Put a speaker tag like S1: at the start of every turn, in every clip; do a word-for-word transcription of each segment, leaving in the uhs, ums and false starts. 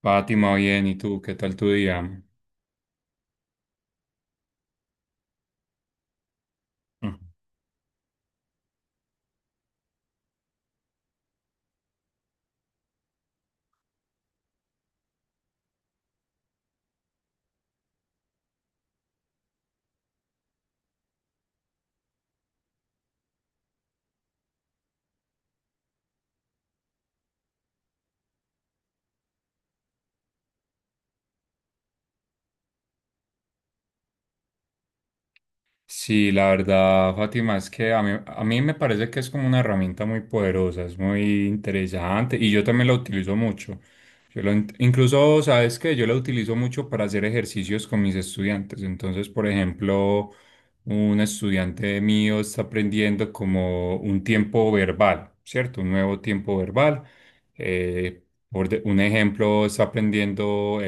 S1: Fátima, bien, ¿y tú? ¿Qué tal tu día? Mm. Sí, la verdad, Fátima, es que a mí, a mí me parece que es como una herramienta muy poderosa, es muy interesante y yo también la utilizo mucho. Yo lo, in- incluso, ¿sabes qué? Yo la utilizo mucho para hacer ejercicios con mis estudiantes. Entonces, por ejemplo, un estudiante mío está aprendiendo como un tiempo verbal, ¿cierto? Un nuevo tiempo verbal. Eh, por de- un ejemplo, está aprendiendo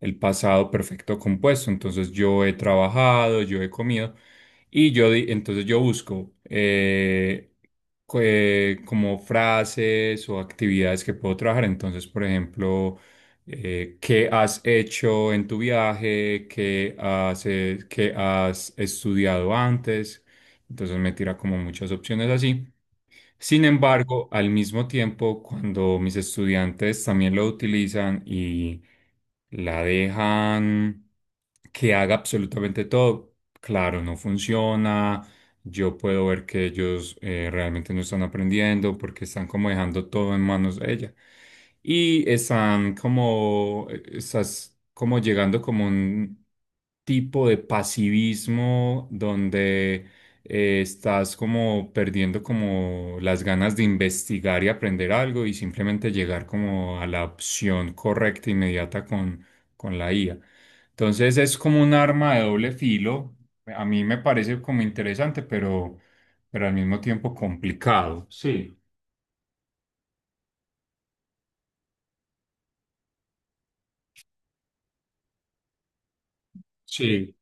S1: el pasado perfecto compuesto. Entonces yo he trabajado, yo he comido y yo di- entonces yo busco eh, co- eh, como frases o actividades que puedo trabajar. Entonces, por ejemplo, eh, ¿qué has hecho en tu viaje? ¿Qué has, eh, qué has estudiado antes? Entonces me tira como muchas opciones así. Sin embargo, al mismo tiempo, cuando mis estudiantes también lo utilizan y la dejan que haga absolutamente todo, claro, no funciona. Yo puedo ver que ellos eh, realmente no están aprendiendo porque están como dejando todo en manos de ella. Y están como, eh, estás como llegando como un tipo de pasivismo donde eh, estás como perdiendo como las ganas de investigar y aprender algo y simplemente llegar como a la opción correcta inmediata con, con la I A. Entonces es como un arma de doble filo. A mí me parece como interesante, pero, pero al mismo tiempo complicado. Sí Sí.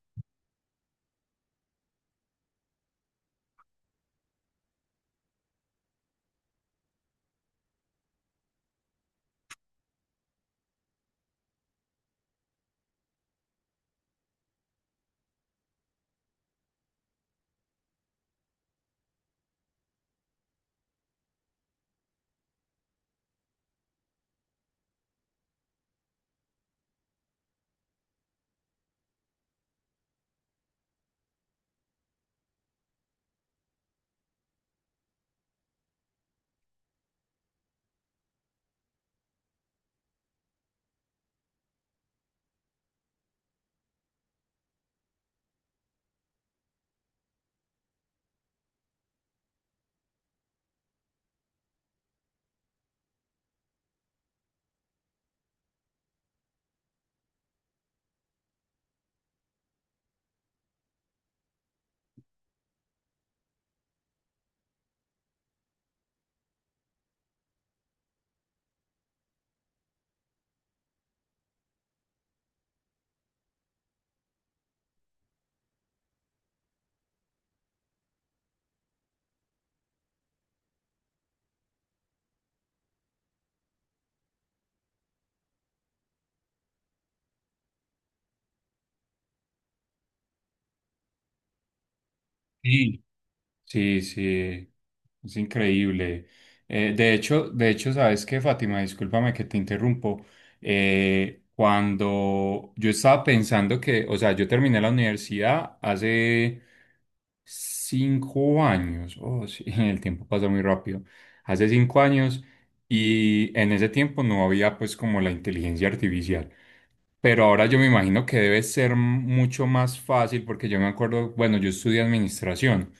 S1: Sí. Sí, sí, es increíble. Eh, de hecho, de hecho, ¿sabes qué, Fátima? Discúlpame que te interrumpo. Eh, cuando yo estaba pensando que, o sea, yo terminé la universidad hace cinco años. Oh, sí, el tiempo pasa muy rápido. Hace cinco años y en ese tiempo no había pues como la inteligencia artificial. Pero ahora yo me imagino que debe ser mucho más fácil porque yo me acuerdo, bueno, yo estudié administración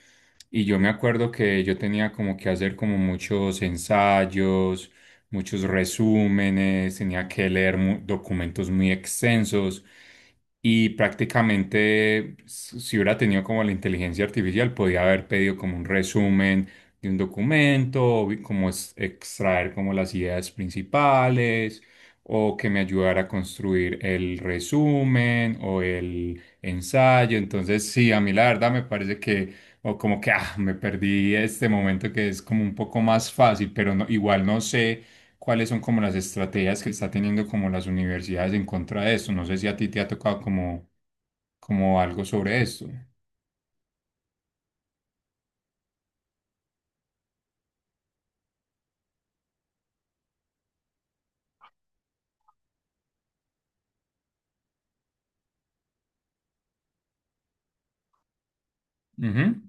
S1: y yo me acuerdo que yo tenía como que hacer como muchos ensayos, muchos resúmenes, tenía que leer mu- documentos muy extensos y prácticamente s- si hubiera tenido como la inteligencia artificial podía haber pedido como un resumen de un documento, vi- como es- extraer como las ideas principales o que me ayudara a construir el resumen o el ensayo. Entonces, sí, a mí la verdad me parece que, o como que, ah, me perdí este momento que es como un poco más fácil, pero no, igual no sé cuáles son como las estrategias que está teniendo como las universidades en contra de esto. No sé si a ti te ha tocado como, como algo sobre esto. Ujú.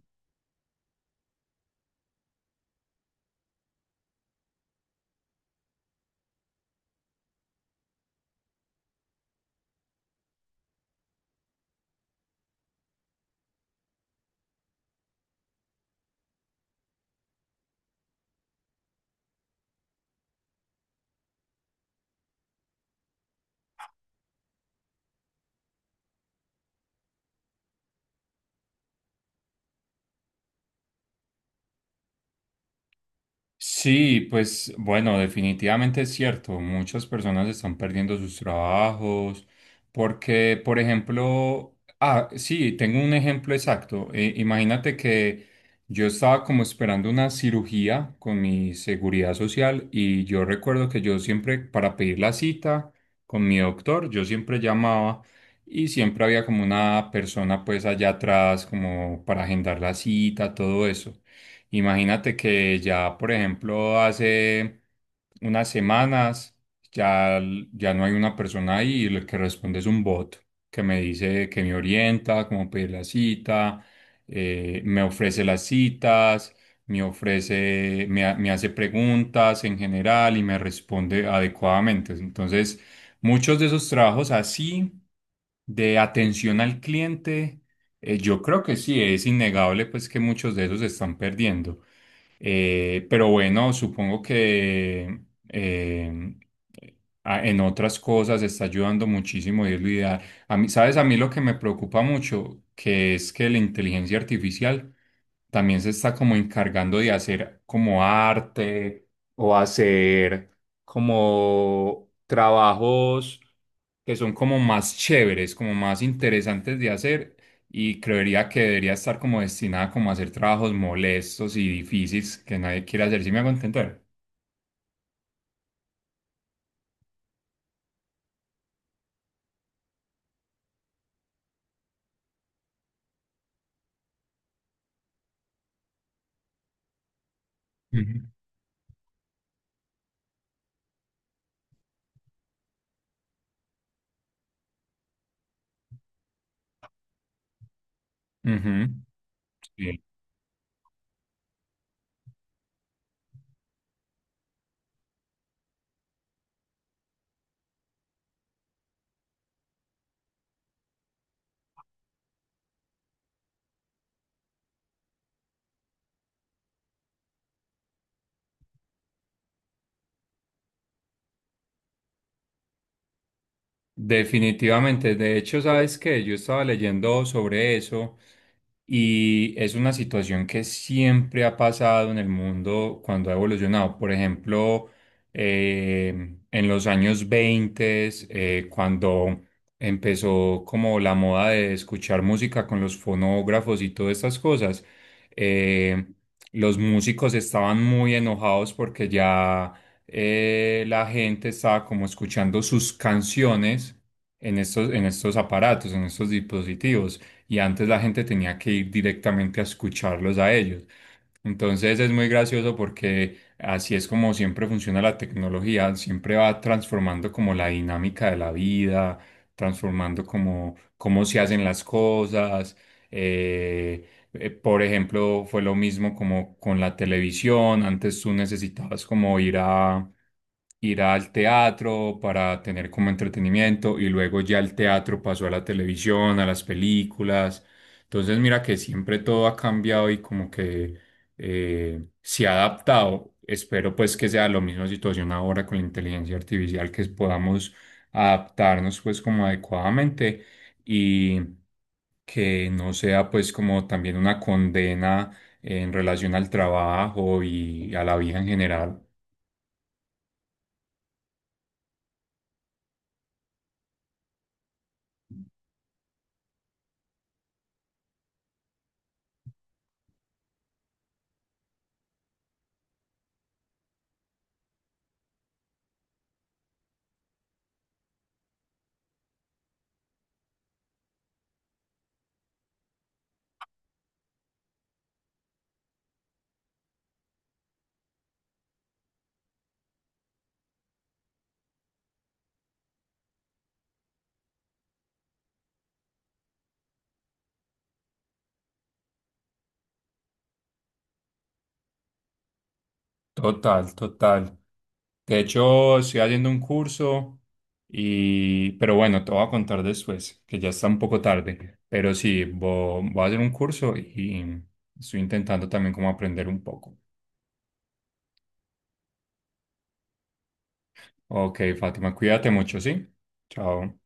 S1: Sí, pues bueno, definitivamente es cierto. Muchas personas están perdiendo sus trabajos porque, por ejemplo, ah, sí, tengo un ejemplo exacto. Eh, imagínate que yo estaba como esperando una cirugía con mi seguridad social y yo recuerdo que yo siempre, para pedir la cita con mi doctor, yo siempre llamaba y siempre había como una persona pues allá atrás como para agendar la cita, todo eso. Imagínate que ya, por ejemplo, hace unas semanas ya, ya no hay una persona ahí y el que responde es un bot que me dice que me orienta, cómo pedir la cita, eh, me ofrece las citas, me ofrece, me, ha- me hace preguntas en general y me responde adecuadamente. Entonces, muchos de esos trabajos así de atención al cliente eh, yo creo que sí, es innegable pues que muchos de esos se están perdiendo. Eh, pero bueno, supongo que eh, a- en otras cosas está ayudando muchísimo irlo ideal. A mí, ¿sabes? A mí lo que me preocupa mucho, que es que la inteligencia artificial también se está como encargando de hacer como arte o hacer como trabajos que son como más chéveres, como más interesantes de hacer y creería que debería estar como destinada como a hacer trabajos molestos y difíciles que nadie quiere hacer. ¿Sí me hago entender? Ujú. Ujú, sí. Definitivamente. De hecho, ¿sabes qué? Yo estaba leyendo sobre eso. Y es una situación que siempre ha pasado en el mundo cuando ha evolucionado. Por ejemplo, eh, en los años veinte eh, cuando empezó como la moda de escuchar música con los fonógrafos y todas estas cosas, eh, los músicos estaban muy enojados porque ya eh, la gente estaba como escuchando sus canciones en estos, en estos aparatos, en estos dispositivos y antes la gente tenía que ir directamente a escucharlos a ellos. Entonces es muy gracioso porque así es como siempre funciona la tecnología, siempre va transformando como la dinámica de la vida, transformando como cómo se hacen las cosas. eh, eh, por ejemplo, fue lo mismo como con la televisión. Antes tú necesitabas como ir a ir al teatro para tener como entretenimiento y luego ya el teatro pasó a la televisión, a las películas. Entonces mira que siempre todo ha cambiado y como que eh, se ha adaptado. Espero pues que sea la misma situación ahora con la inteligencia artificial, que podamos adaptarnos pues como adecuadamente. Y que no sea pues como también una condena en relación al trabajo y a la vida en general. Total, total. De hecho, estoy haciendo un curso y, pero bueno, te voy a contar después, que ya está un poco tarde. Pero sí, vo- voy a hacer un curso y estoy intentando también como aprender un poco. Ok, Fátima, cuídate mucho, ¿sí? Chao.